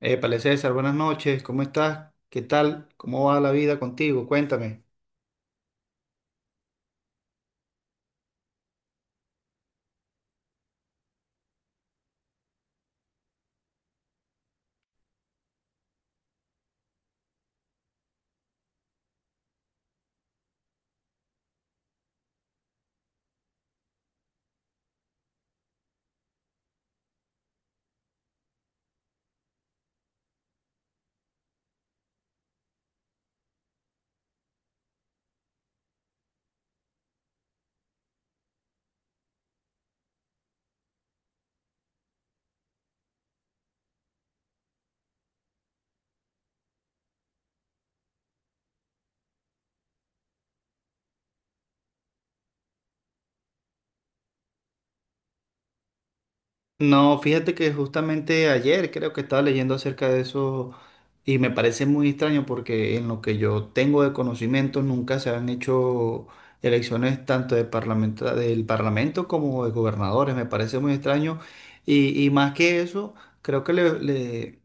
Épale, César, buenas noches, ¿cómo estás? ¿Qué tal? ¿Cómo va la vida contigo? Cuéntame. No, fíjate que justamente ayer creo que estaba leyendo acerca de eso y me parece muy extraño porque en lo que yo tengo de conocimiento nunca se han hecho elecciones tanto de del Parlamento como de gobernadores, me parece muy extraño y más que eso, creo que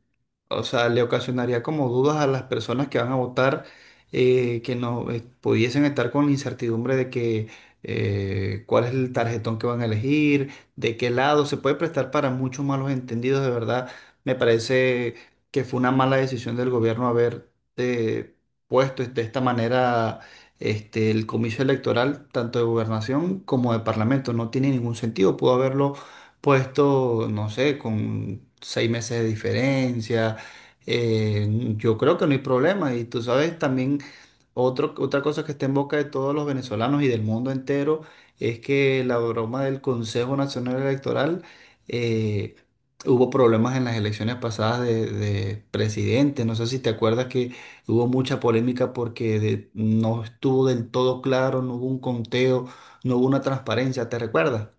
o sea, le ocasionaría como dudas a las personas que van a votar, que no pudiesen estar con la incertidumbre de que cuál es el tarjetón que van a elegir, de qué lado, se puede prestar para muchos malos entendidos, de verdad, me parece que fue una mala decisión del gobierno haber eh, puesto de esta manera el comicio electoral, tanto de gobernación como de parlamento, no tiene ningún sentido, pudo haberlo puesto, no sé, con 6 meses de diferencia eh, yo creo que no hay problema. Y tú sabes, también otra cosa que está en boca de todos los venezolanos y del mundo entero es que la broma del Consejo Nacional Electoral eh, hubo problemas en las elecciones pasadas de presidente. No sé si te acuerdas que hubo mucha polémica porque no estuvo del todo claro, no hubo un conteo, no hubo una transparencia. ¿Te recuerdas?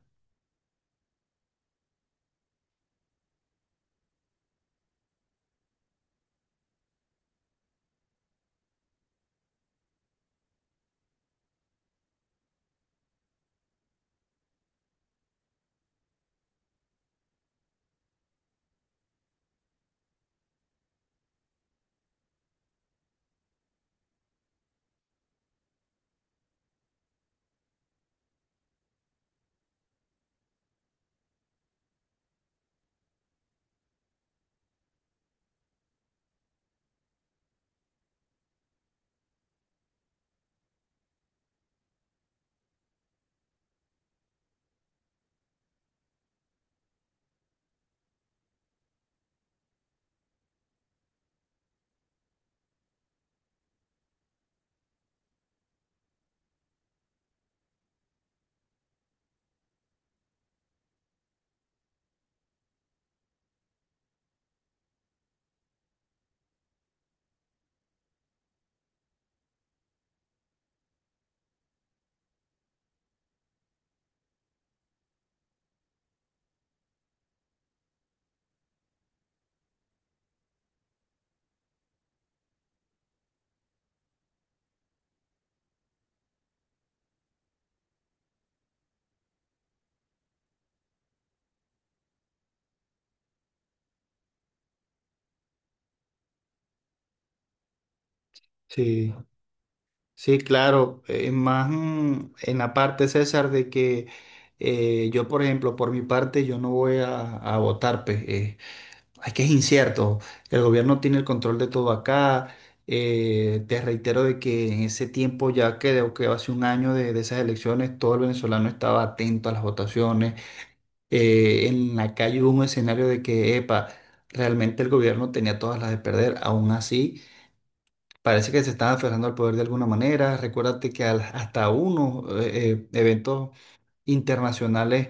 Sí. Sí, claro, más en la parte, César, de que yo, por ejemplo, por mi parte, yo no voy a votar, pues, es que es incierto, el gobierno tiene el control de todo acá, te reitero de que en ese tiempo, ya creo que hace un año de esas elecciones, todo el venezolano estaba atento a las votaciones, en la calle hubo un escenario de que, epa, realmente el gobierno tenía todas las de perder, aún así. Parece que se están aferrando al poder de alguna manera. Recuérdate que hasta unos eventos internacionales,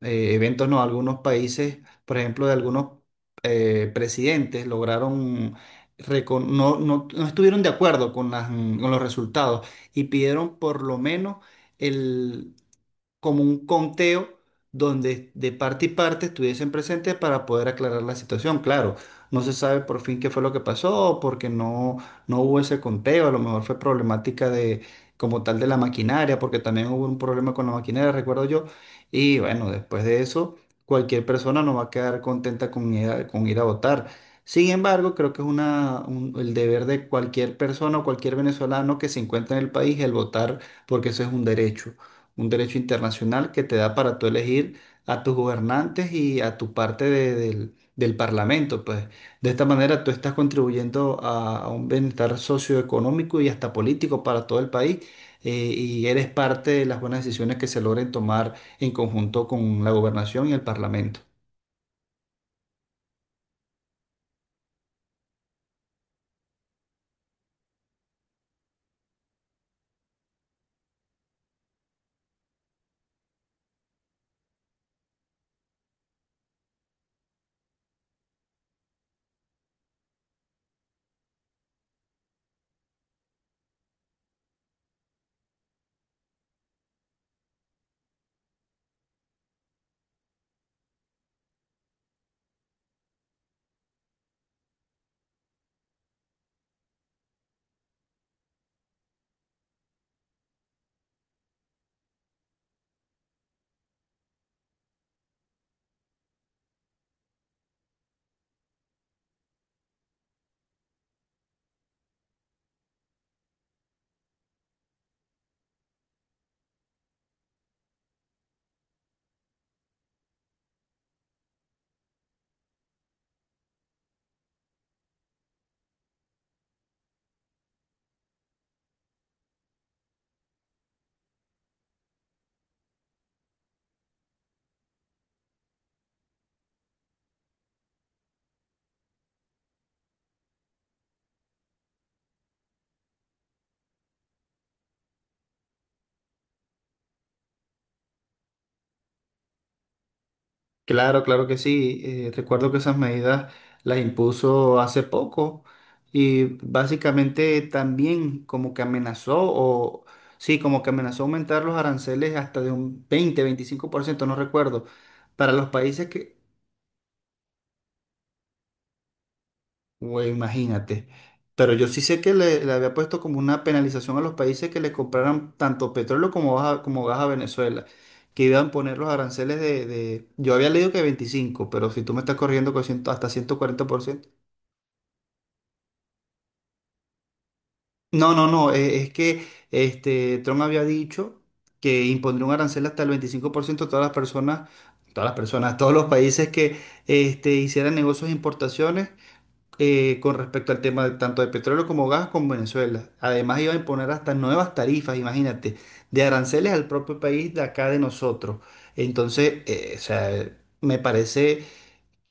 eventos no, algunos países, por ejemplo, de algunos presidentes, lograron, no estuvieron de acuerdo con con los resultados y pidieron por lo menos como un conteo donde de parte y parte estuviesen presentes para poder aclarar la situación. Claro, no se sabe por fin qué fue lo que pasó, porque no hubo ese conteo, a lo mejor fue problemática como tal de la maquinaria, porque también hubo un problema con la maquinaria, recuerdo yo, y bueno, después de eso, cualquier persona no va a quedar contenta con ir a votar. Sin embargo, creo que es el deber de cualquier persona o cualquier venezolano que se encuentra en el país el votar, porque eso es un derecho internacional que te da para tú elegir a tus gobernantes y a tu parte del parlamento, pues. De esta manera tú estás contribuyendo a un bienestar socioeconómico y hasta político para todo el país, eh, y eres parte de las buenas decisiones que se logren tomar en conjunto con la gobernación y el parlamento. Claro, claro que sí. Recuerdo que esas medidas las impuso hace poco y básicamente también como que amenazó o sí, como que amenazó aumentar los aranceles hasta de un 20, 25%, no recuerdo, para los países que, güey, imagínate. Pero yo sí sé que le había puesto como una penalización a los países que le compraran tanto petróleo como gas a Venezuela, que iban a poner los aranceles. Yo había leído que 25, pero si tú me estás corriendo con 100 hasta 140%. No, no, no, es que Trump había dicho que impondría un arancel hasta el 25% a todas las personas, todos los países que hicieran negocios de importaciones con respecto al tema, tanto de petróleo como gas con Venezuela. Además iba a imponer hasta nuevas tarifas, imagínate, de aranceles al propio país de acá de nosotros. Entonces, o sea, me parece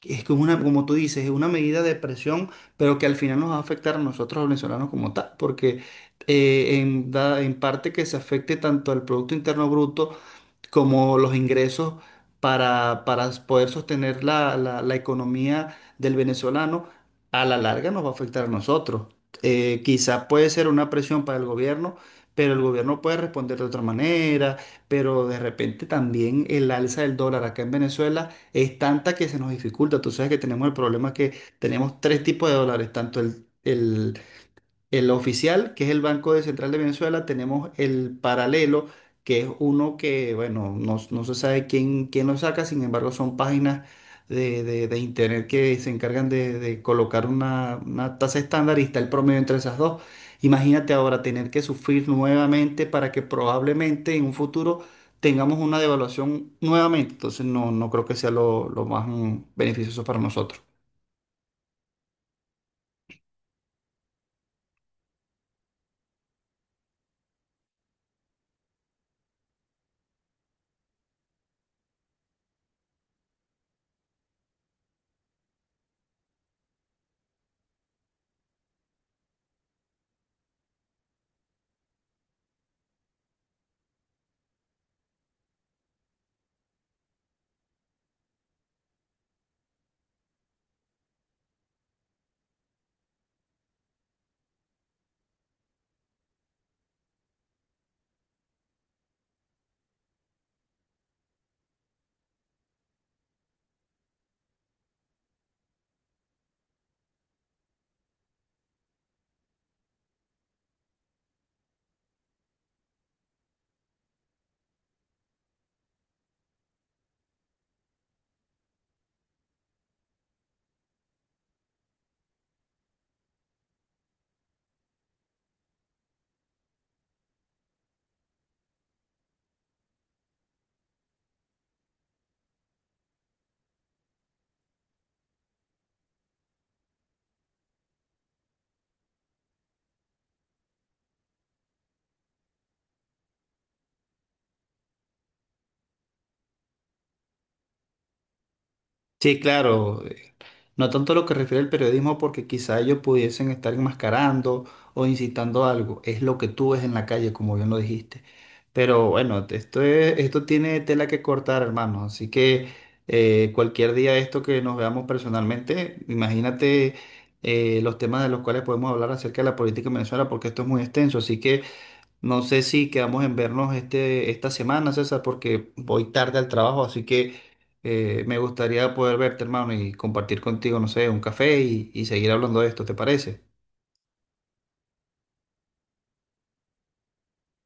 es como una, como tú dices, es una medida de presión, pero que al final nos va a afectar a nosotros los venezolanos como tal, porque en parte que se afecte tanto al Producto Interno Bruto, como los ingresos para poder sostener la economía del venezolano, a la larga nos va a afectar a nosotros. Quizá puede ser una presión para el gobierno, pero el gobierno puede responder de otra manera, pero de repente también el alza del dólar acá en Venezuela es tanta que se nos dificulta. Tú sabes que tenemos el problema que tenemos tres tipos de dólares, tanto el... El oficial, que es el Banco de Central de Venezuela, tenemos el paralelo, que es uno que, bueno, no se sabe quién lo saca, sin embargo, son páginas de internet que se encargan de colocar una tasa estándar y está el promedio entre esas dos. Imagínate ahora tener que sufrir nuevamente para que probablemente en un futuro tengamos una devaluación nuevamente. Entonces, no creo que sea lo más beneficioso para nosotros. Sí, claro. No tanto lo que refiere al periodismo, porque quizá ellos pudiesen estar enmascarando o incitando a algo. Es lo que tú ves en la calle, como bien lo dijiste. Pero bueno, esto tiene tela que cortar, hermano. Así que cualquier día de esto que nos veamos personalmente, imagínate los temas de los cuales podemos hablar acerca de la política en Venezuela, porque esto es muy extenso. Así que no sé si quedamos en vernos esta semana, César, porque voy tarde al trabajo, así que me gustaría poder verte, hermano, y compartir contigo, no sé, un café y seguir hablando de esto, ¿te parece?